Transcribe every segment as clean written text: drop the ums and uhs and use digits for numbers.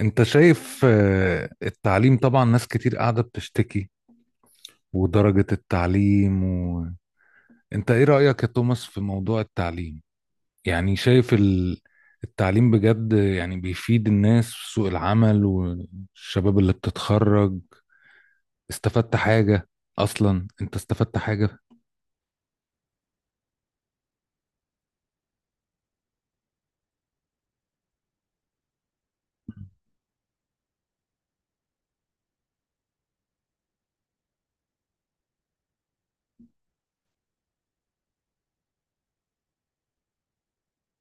انت شايف التعليم طبعا ناس كتير قاعدة بتشتكي ودرجة التعليم انت ايه رأيك يا توماس في موضوع التعليم؟ يعني شايف التعليم بجد يعني بيفيد الناس في سوق العمل والشباب اللي بتتخرج. استفدت حاجة؟ اصلا انت استفدت حاجة؟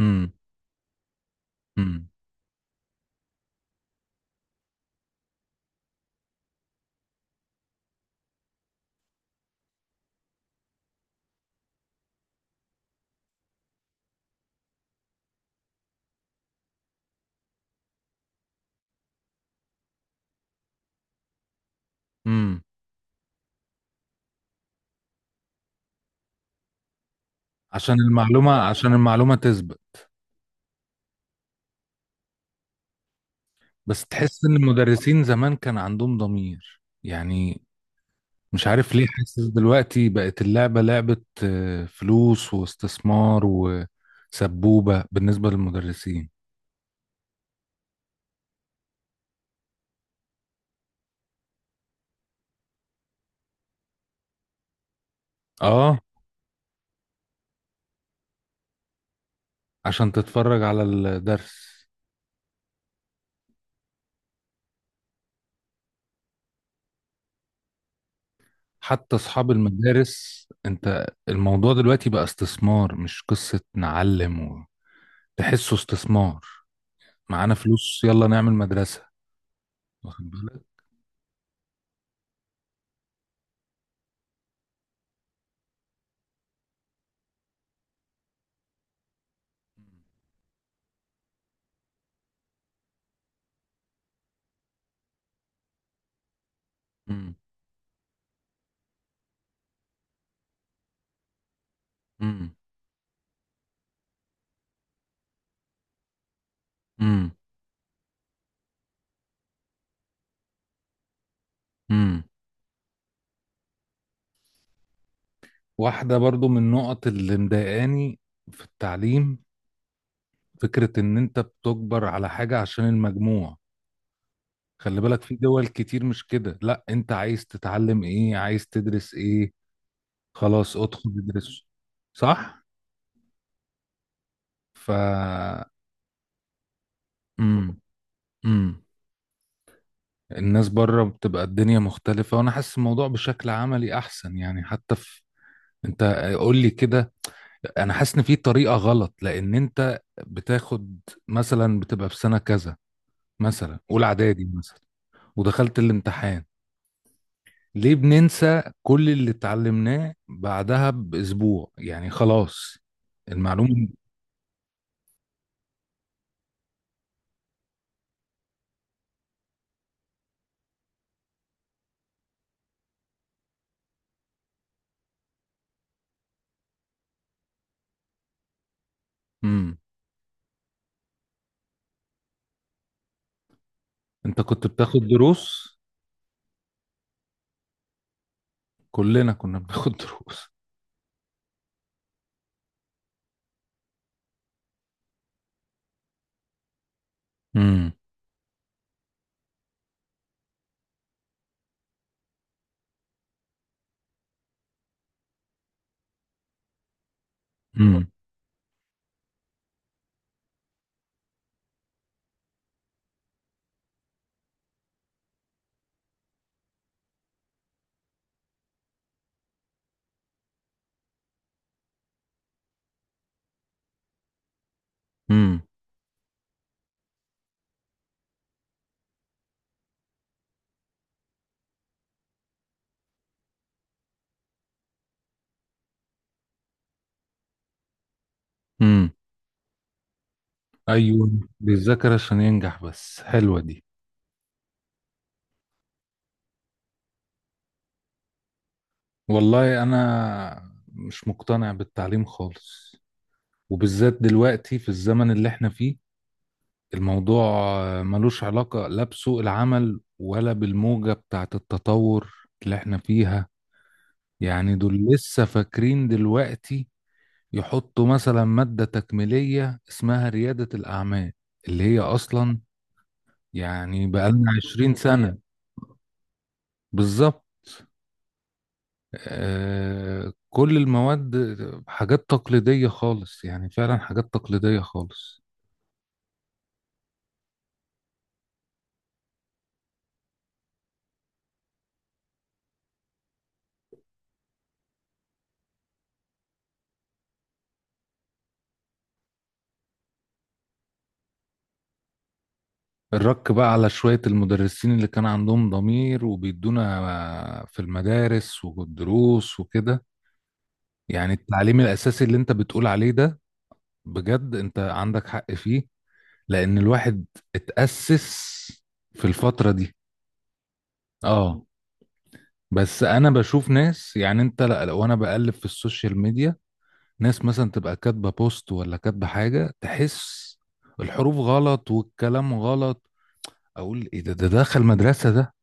امم. امم. امم. عشان المعلومة تسبق. بس تحس ان المدرسين زمان كان عندهم ضمير يعني. مش عارف ليه حاسس دلوقتي بقت اللعبة لعبة، فلوس واستثمار وسبوبة بالنسبة للمدرسين. اه. عشان تتفرج على الدرس. حتى اصحاب المدارس، انت الموضوع دلوقتي بقى استثمار، مش قصة نعلم تحسه استثمار. معانا فلوس، يلا نعمل مدرسة. واخد بالك؟ مم، مم، مم، مم. واحدة برضو من النقط اللي مضايقاني في التعليم، فكرة ان انت بتجبر على حاجة عشان المجموع. خلي بالك في دول كتير مش كده، لا انت عايز تتعلم ايه، عايز تدرس ايه، خلاص ادخل ادرس. صح؟ ف امم. امم. الناس بره بتبقى الدنيا مختلفة، وانا حاسس الموضوع بشكل عملي احسن، يعني حتى في... انت قول لي كده، انا حاسس ان في طريقة غلط. لان انت بتاخد مثلا، بتبقى في سنة كذا، مثلا اولى اعدادي مثلا، ودخلت الامتحان، ليه بننسى كل اللي اتعلمناه بعدها بأسبوع؟ يعني خلاص المعلومة... امم. انت كنت بتاخد دروس؟ كلنا كنا بناخد دروس. امم. امم. امم. امم. ايوه. بيذاكر عشان ينجح بس، حلوة دي. والله انا مش مقتنع بالتعليم خالص، وبالذات دلوقتي في الزمن اللي احنا فيه. الموضوع ملوش علاقة لا بسوق العمل ولا بالموجة بتاعت التطور اللي احنا فيها. يعني دول لسه فاكرين دلوقتي يحطوا مثلا مادة تكميلية اسمها ريادة الأعمال، اللي هي أصلا يعني بقالنا 20 سنة. بالظبط. آه، كل المواد حاجات تقليدية خالص، يعني فعلا حاجات تقليدية خالص. الرك بقى على شوية المدرسين اللي كان عندهم ضمير وبيدونا في المدارس والدروس وكده. يعني التعليم الأساسي اللي أنت بتقول عليه ده، بجد أنت عندك حق فيه، لان الواحد اتأسس في الفترة دي. اه. بس انا بشوف ناس، يعني انت لا، لو انا بقلب في السوشيال ميديا، ناس مثلا تبقى كاتبة بوست ولا كاتبة حاجة، تحس الحروف غلط والكلام غلط. اقول ايه ده دخل مدرسة ده؟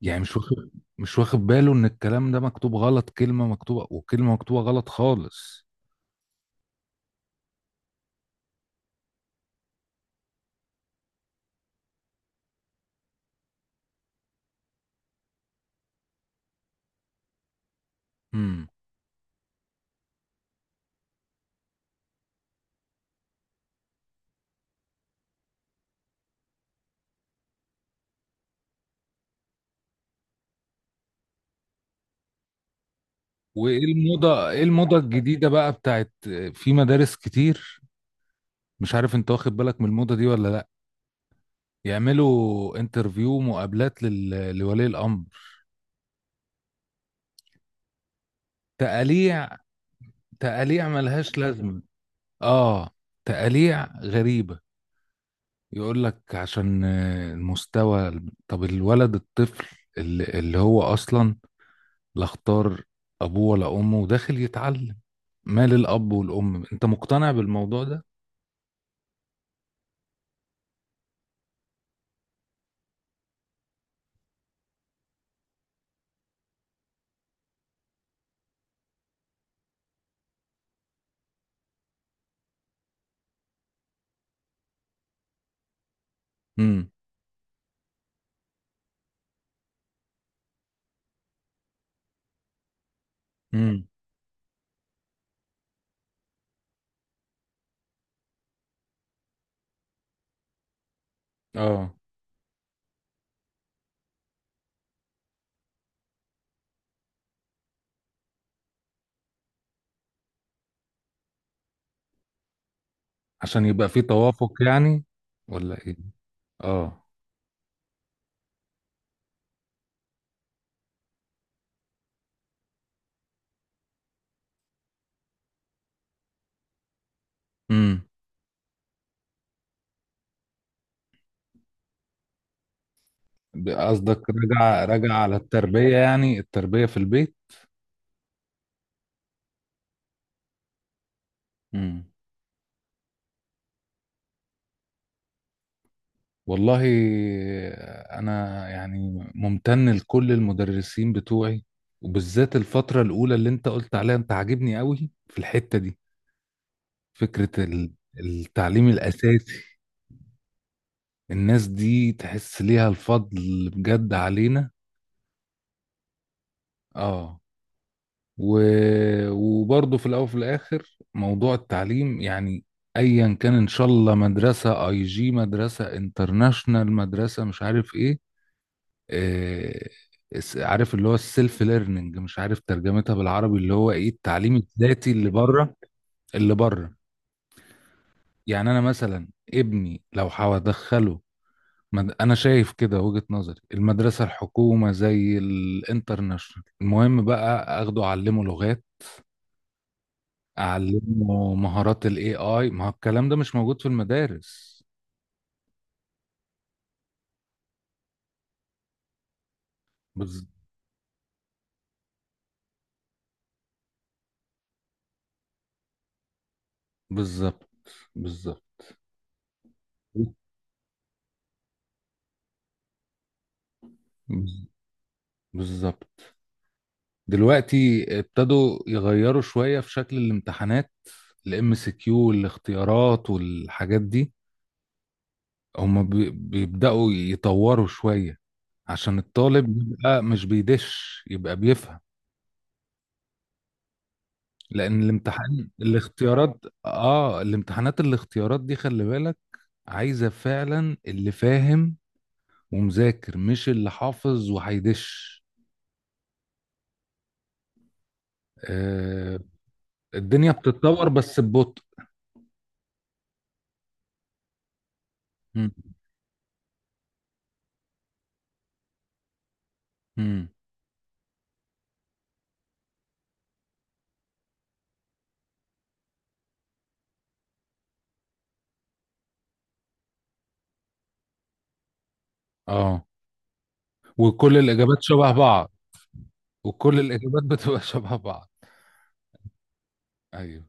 يعني مش واخد، مش واخد باله ان الكلام ده مكتوب غلط، كلمة مكتوبة وكلمة مكتوبة غلط خالص. امم. وايه الموضة، ايه الموضة الجديدة بقى بتاعت في مدارس كتير، مش عارف انت واخد بالك من الموضة دي ولا لا؟ يعملوا انترفيو، مقابلات لولي الامر. تقاليع، تقاليع ملهاش لازمه. اه. تقاليع غريبه. يقول لك عشان المستوى. طب الولد الطفل اللي هو اصلا لا اختار ابوه ولا امه وداخل يتعلم، مال الاب والام؟ انت مقتنع بالموضوع ده؟ امم. امم. اه، عشان يبقى في توافق يعني، ولا ايه؟ اه. امم. قصدك رجع رجع على التربية، يعني التربية في البيت؟ امم. والله، أنا يعني ممتن لكل المدرسين بتوعي، وبالذات الفترة الأولى اللي أنت قلت عليها. أنت عاجبني قوي في الحتة دي، فكرة التعليم الأساسي. الناس دي تحس ليها الفضل بجد علينا. آه و... وبرضه في الاول وفي الاخر موضوع التعليم، يعني ايا كان ان شاء الله مدرسه اي جي، مدرسه انترناشنال، مدرسه مش عارف ايه... آه... عارف اللي هو السيلف ليرنينج، مش عارف ترجمتها بالعربي، اللي هو ايه، التعليم الذاتي اللي بره، اللي بره. يعني انا مثلا ابني لو هدخله انا شايف كده وجهة نظري، المدرسه الحكومه زي الانترناشنال، المهم بقى اخده اعلمه لغات، اعلمه مهارات الاي اي. ما هو الكلام ده مش موجود في المدارس. بز- بالظبط، بالظبط. بز- بالظبط. دلوقتي ابتدوا يغيروا شوية في شكل الامتحانات، الام سي كيو والاختيارات والحاجات دي، هما بيبدأوا يطوروا شوية عشان الطالب يبقى مش بيدش، يبقى بيفهم. لأن الامتحان الاختيارات، اه الامتحانات الاختيارات دي خلي بالك عايزة فعلا اللي فاهم ومذاكر، مش اللي حافظ وهيدش. آه. الدنيا بتتطور بس ببطء. مم. مم. اه، وكل الاجابات شبه بعض، وكل الاجابات بتبقى شبه بعض. ايوه.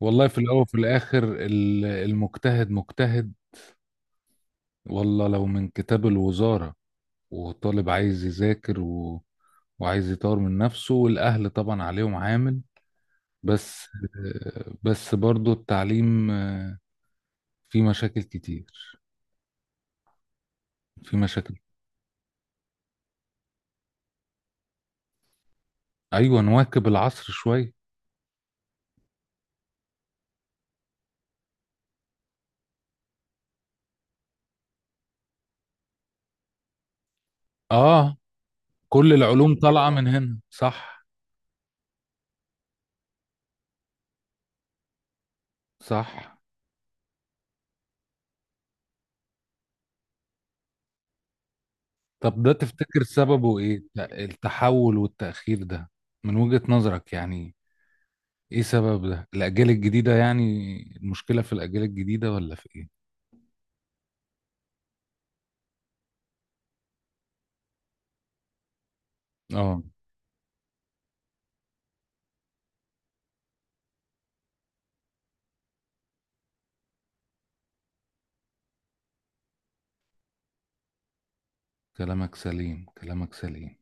والله في الاول وفي الاخر المجتهد مجتهد. والله لو من كتاب الوزارة وطالب عايز يذاكر وعايز يطور من نفسه، والاهل طبعا عليهم عامل، بس. بس برضو التعليم فيه مشاكل كتير، في مشاكل. ايوه، نواكب العصر شويه. اه، كل العلوم طالعه من هنا، صح؟ صح. طب ده تفتكر سببه ايه، لا، التحول والتأخير ده، من وجهة نظرك يعني؟ ايه سبب ده؟ الاجيال الجديده يعني، المشكله في الاجيال الجديده ولا في ايه؟ اه، كلامك سليم، كلامك سليم.